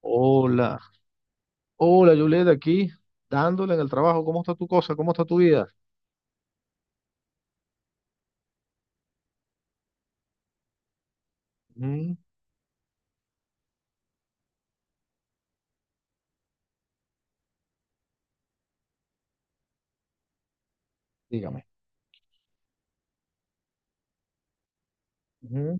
Hola, hola Julieta, aquí dándole en el trabajo. ¿Cómo está tu cosa? ¿Cómo está tu vida? Mm, Dígame. Ujú,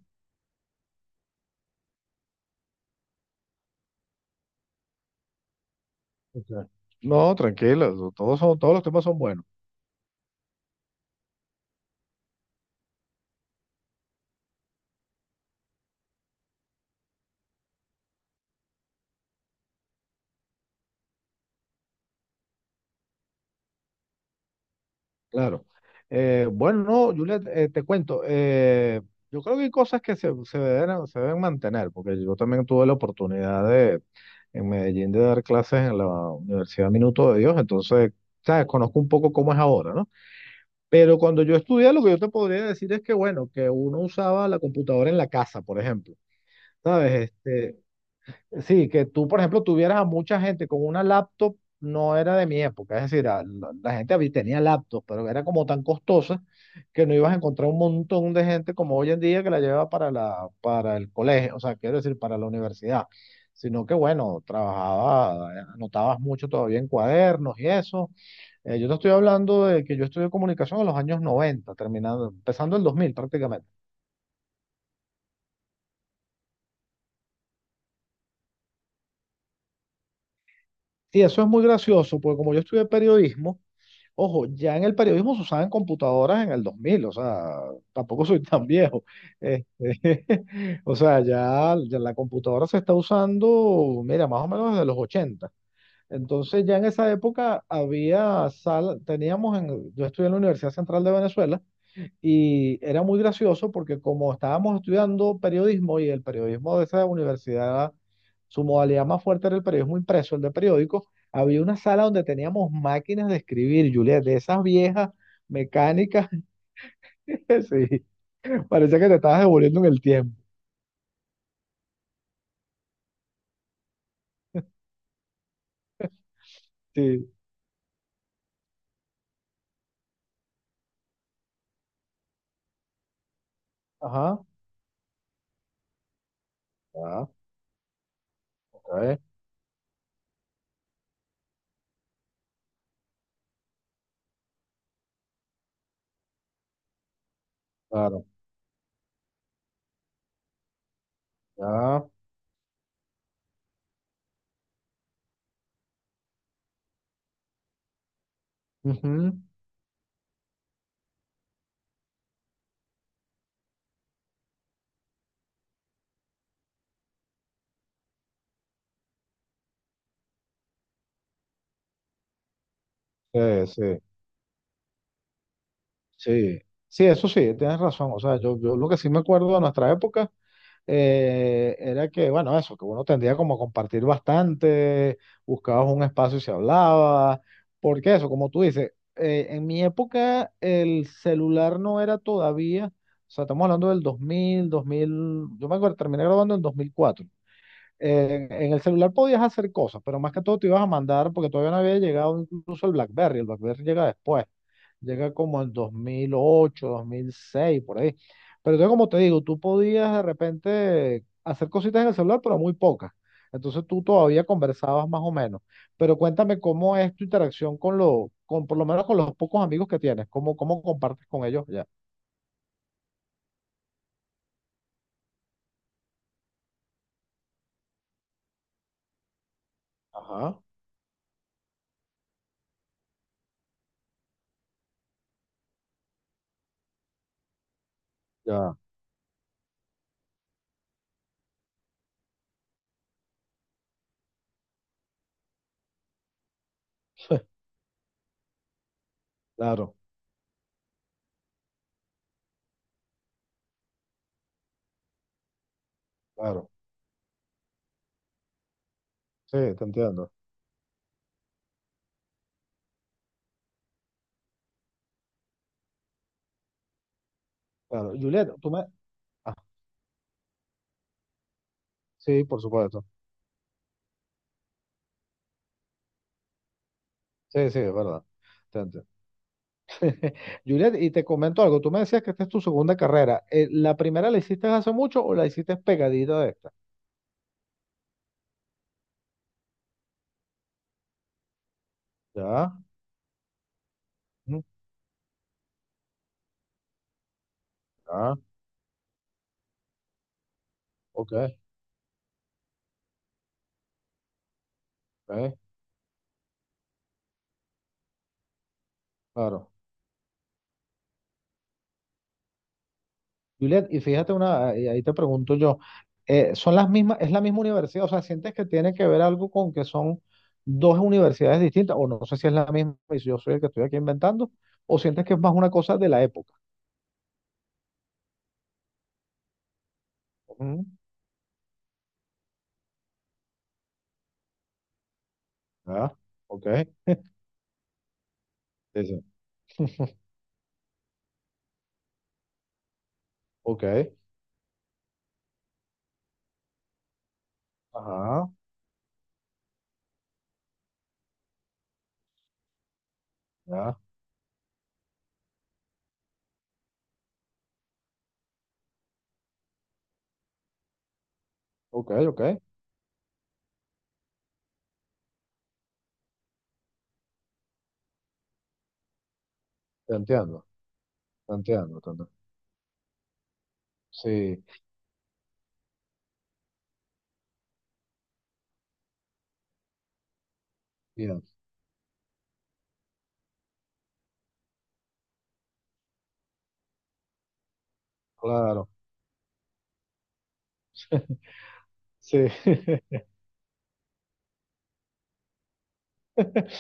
ok. No, tranquila, todos los temas son buenos, claro. Bueno, no, Julieta, te cuento. Yo creo que hay cosas que se deben mantener, porque yo también tuve la oportunidad de en Medellín de dar clases en la Universidad Minuto de Dios, entonces, sabes, conozco un poco cómo es ahora, ¿no? Pero cuando yo estudié, lo que yo te podría decir es que, bueno, que uno usaba la computadora en la casa, por ejemplo. ¿Sabes? Este, sí, que tú, por ejemplo, tuvieras a mucha gente con una laptop, no era de mi época. Es decir, la gente tenía laptop, pero era como tan costosa que no ibas a encontrar un montón de gente como hoy en día que la lleva para el colegio, o sea, quiero decir, para la universidad. Sino que, bueno, trabajaba, anotabas mucho todavía en cuadernos y eso. Yo te estoy hablando de que yo estudié comunicación en los años 90, terminando, empezando el 2000 prácticamente. Y eso es muy gracioso, porque como yo estudié periodismo, ojo, ya en el periodismo se usaban computadoras en el 2000, o sea, tampoco soy tan viejo. Este, o sea, ya la computadora se está usando, mira, más o menos desde los 80. Entonces ya en esa época había sala, yo estudié en la Universidad Central de Venezuela. Y era muy gracioso porque como estábamos estudiando periodismo y el periodismo de esa universidad, su modalidad más fuerte era el periodismo impreso, el de periódicos, había una sala donde teníamos máquinas de escribir, Juliet, de esas viejas mecánicas, sí, parecía que te estabas devolviendo en el tiempo. Sí, ajá, ah, ok, claro, ya, ujú, sí, sí, sí, sí, eso sí, tienes razón, o sea, yo lo que sí me acuerdo de nuestra época, era que, bueno, eso, que uno tendría como a compartir bastante, buscabas un espacio y se hablaba, porque eso, como tú dices, en mi época el celular no era todavía, o sea, estamos hablando del dos mil. Yo me acuerdo, terminé grabando en 2004. En el celular podías hacer cosas, pero más que todo te ibas a mandar, porque todavía no había llegado incluso el BlackBerry llega después, llega como en dos mil ocho 2006 por ahí. Pero entonces, como te digo, tú podías de repente hacer cositas en el celular, pero muy pocas. Entonces tú todavía conversabas más o menos. Pero cuéntame cómo es tu interacción por lo menos con los pocos amigos que tienes, cómo compartes con ellos ya. Ajá, ya. Claro, claro. Sí, te entiendo. Claro. Juliet, tú me... ah. Sí, por supuesto. Sí, sí, es verdad. Te entiendo. Juliet, y te comento algo. Tú me decías que esta es tu segunda carrera. ¿La primera la hiciste hace mucho o la hiciste pegadita de esta? Ya, ujú, ya, ok, ok, claro. Juliet, y fíjate una, y ahí te pregunto yo, ¿Son las mismas, es la misma universidad? O sea, ¿sientes que tiene que ver algo con que son dos universidades distintas? O no sé si es la misma y si yo soy el que estoy aquí inventando, o sientes que es más una cosa de la época. Ujú, ya, ok, dice, ok, ajá, ya, ok, ok, te entiendo, te entiendo, te entiendo. Sí, bien, claro. Sí.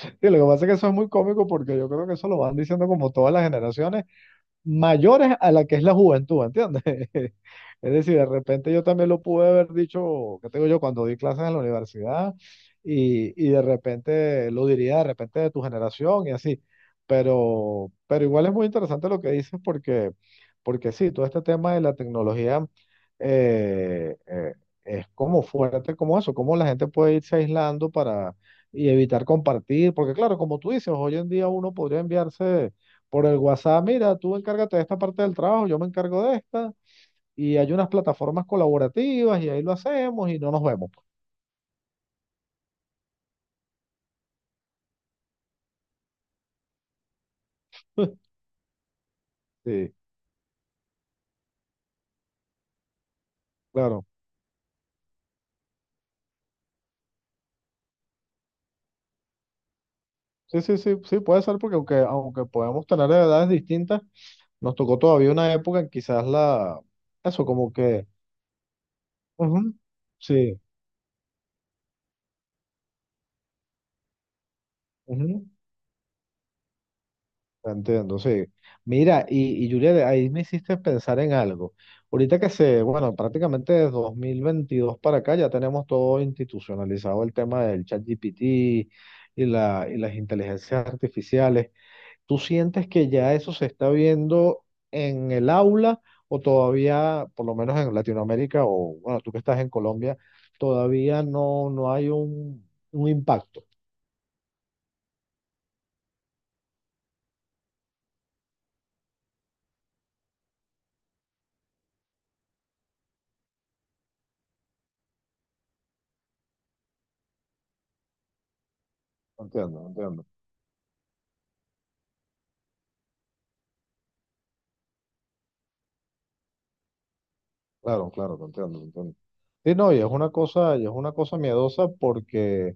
Sí, lo que pasa es que eso es muy cómico porque yo creo que eso lo van diciendo como todas las generaciones mayores a la que es la juventud, ¿entiendes? Es decir, de repente yo también lo pude haber dicho, ¿qué tengo yo? Cuando di clases en la universidad y de repente lo diría de repente de tu generación y así. Pero igual es muy interesante lo que dices porque, porque sí, todo este tema de la tecnología eh, eh, es como fuerte como eso, como la gente puede irse aislando para y evitar compartir, porque claro, como tú dices, hoy en día uno podría enviarse por el WhatsApp, mira, tú encárgate de esta parte del trabajo, yo me encargo de esta, y hay unas plataformas colaborativas y ahí lo hacemos y no nos vemos. Sí, claro. Sí, sí, sí, sí, puede ser porque aunque, aunque podemos tener edades distintas, nos tocó todavía una época en quizás eso como que, ujú, sí, ujú, entiendo, sí. Mira, y Julia, de ahí me hiciste pensar en algo. Ahorita que se, bueno, prácticamente desde 2022 para acá ya tenemos todo institucionalizado el tema del ChatGPT y las inteligencias artificiales. ¿Tú sientes que ya eso se está viendo en el aula o todavía, por lo menos en Latinoamérica o, bueno, tú que estás en Colombia, todavía no, no hay un impacto? No entiendo. Claro, claro, te entiendo, te entiendo. Sí, no, y es una cosa miedosa porque,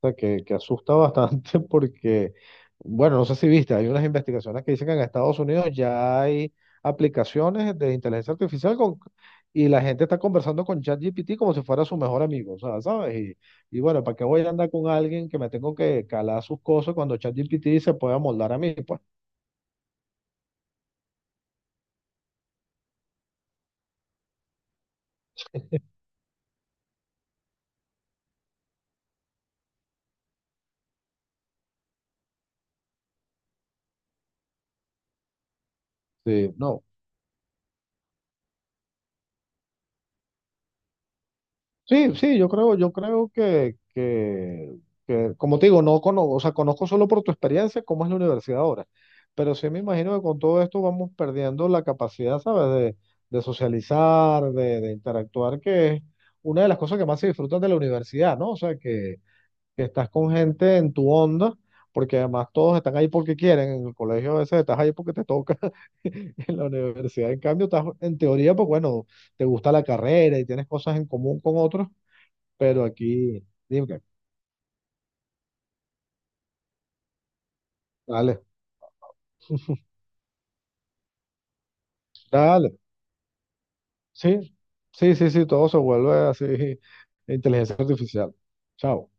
o sea, que asusta bastante porque, bueno, no sé si viste, hay unas investigaciones que dicen que en Estados Unidos ya hay aplicaciones de inteligencia artificial y la gente está conversando con ChatGPT como si fuera su mejor amigo, o sea, ¿sabes? Y bueno, ¿para qué voy a andar con alguien que me tengo que calar sus cosas cuando ChatGPT se pueda moldar a mí? Pues sí, no, sí, sí, yo creo que, como te digo, no conozco, o sea, conozco solo por tu experiencia cómo es la universidad ahora, pero sí me imagino que con todo esto vamos perdiendo la capacidad, ¿sabes? De socializar, de interactuar, que es una de las cosas que más se disfrutan de la universidad, ¿no? O sea, que estás con gente en tu onda, porque además todos están ahí porque quieren, en el colegio a veces estás ahí porque te toca, en la universidad, en cambio, estás en teoría, pues bueno, te gusta la carrera y tienes cosas en común con otros pero aquí, dime, dale, dale. Sí, sí, sí, sí, todo se vuelve así, inteligencia artificial. Chao.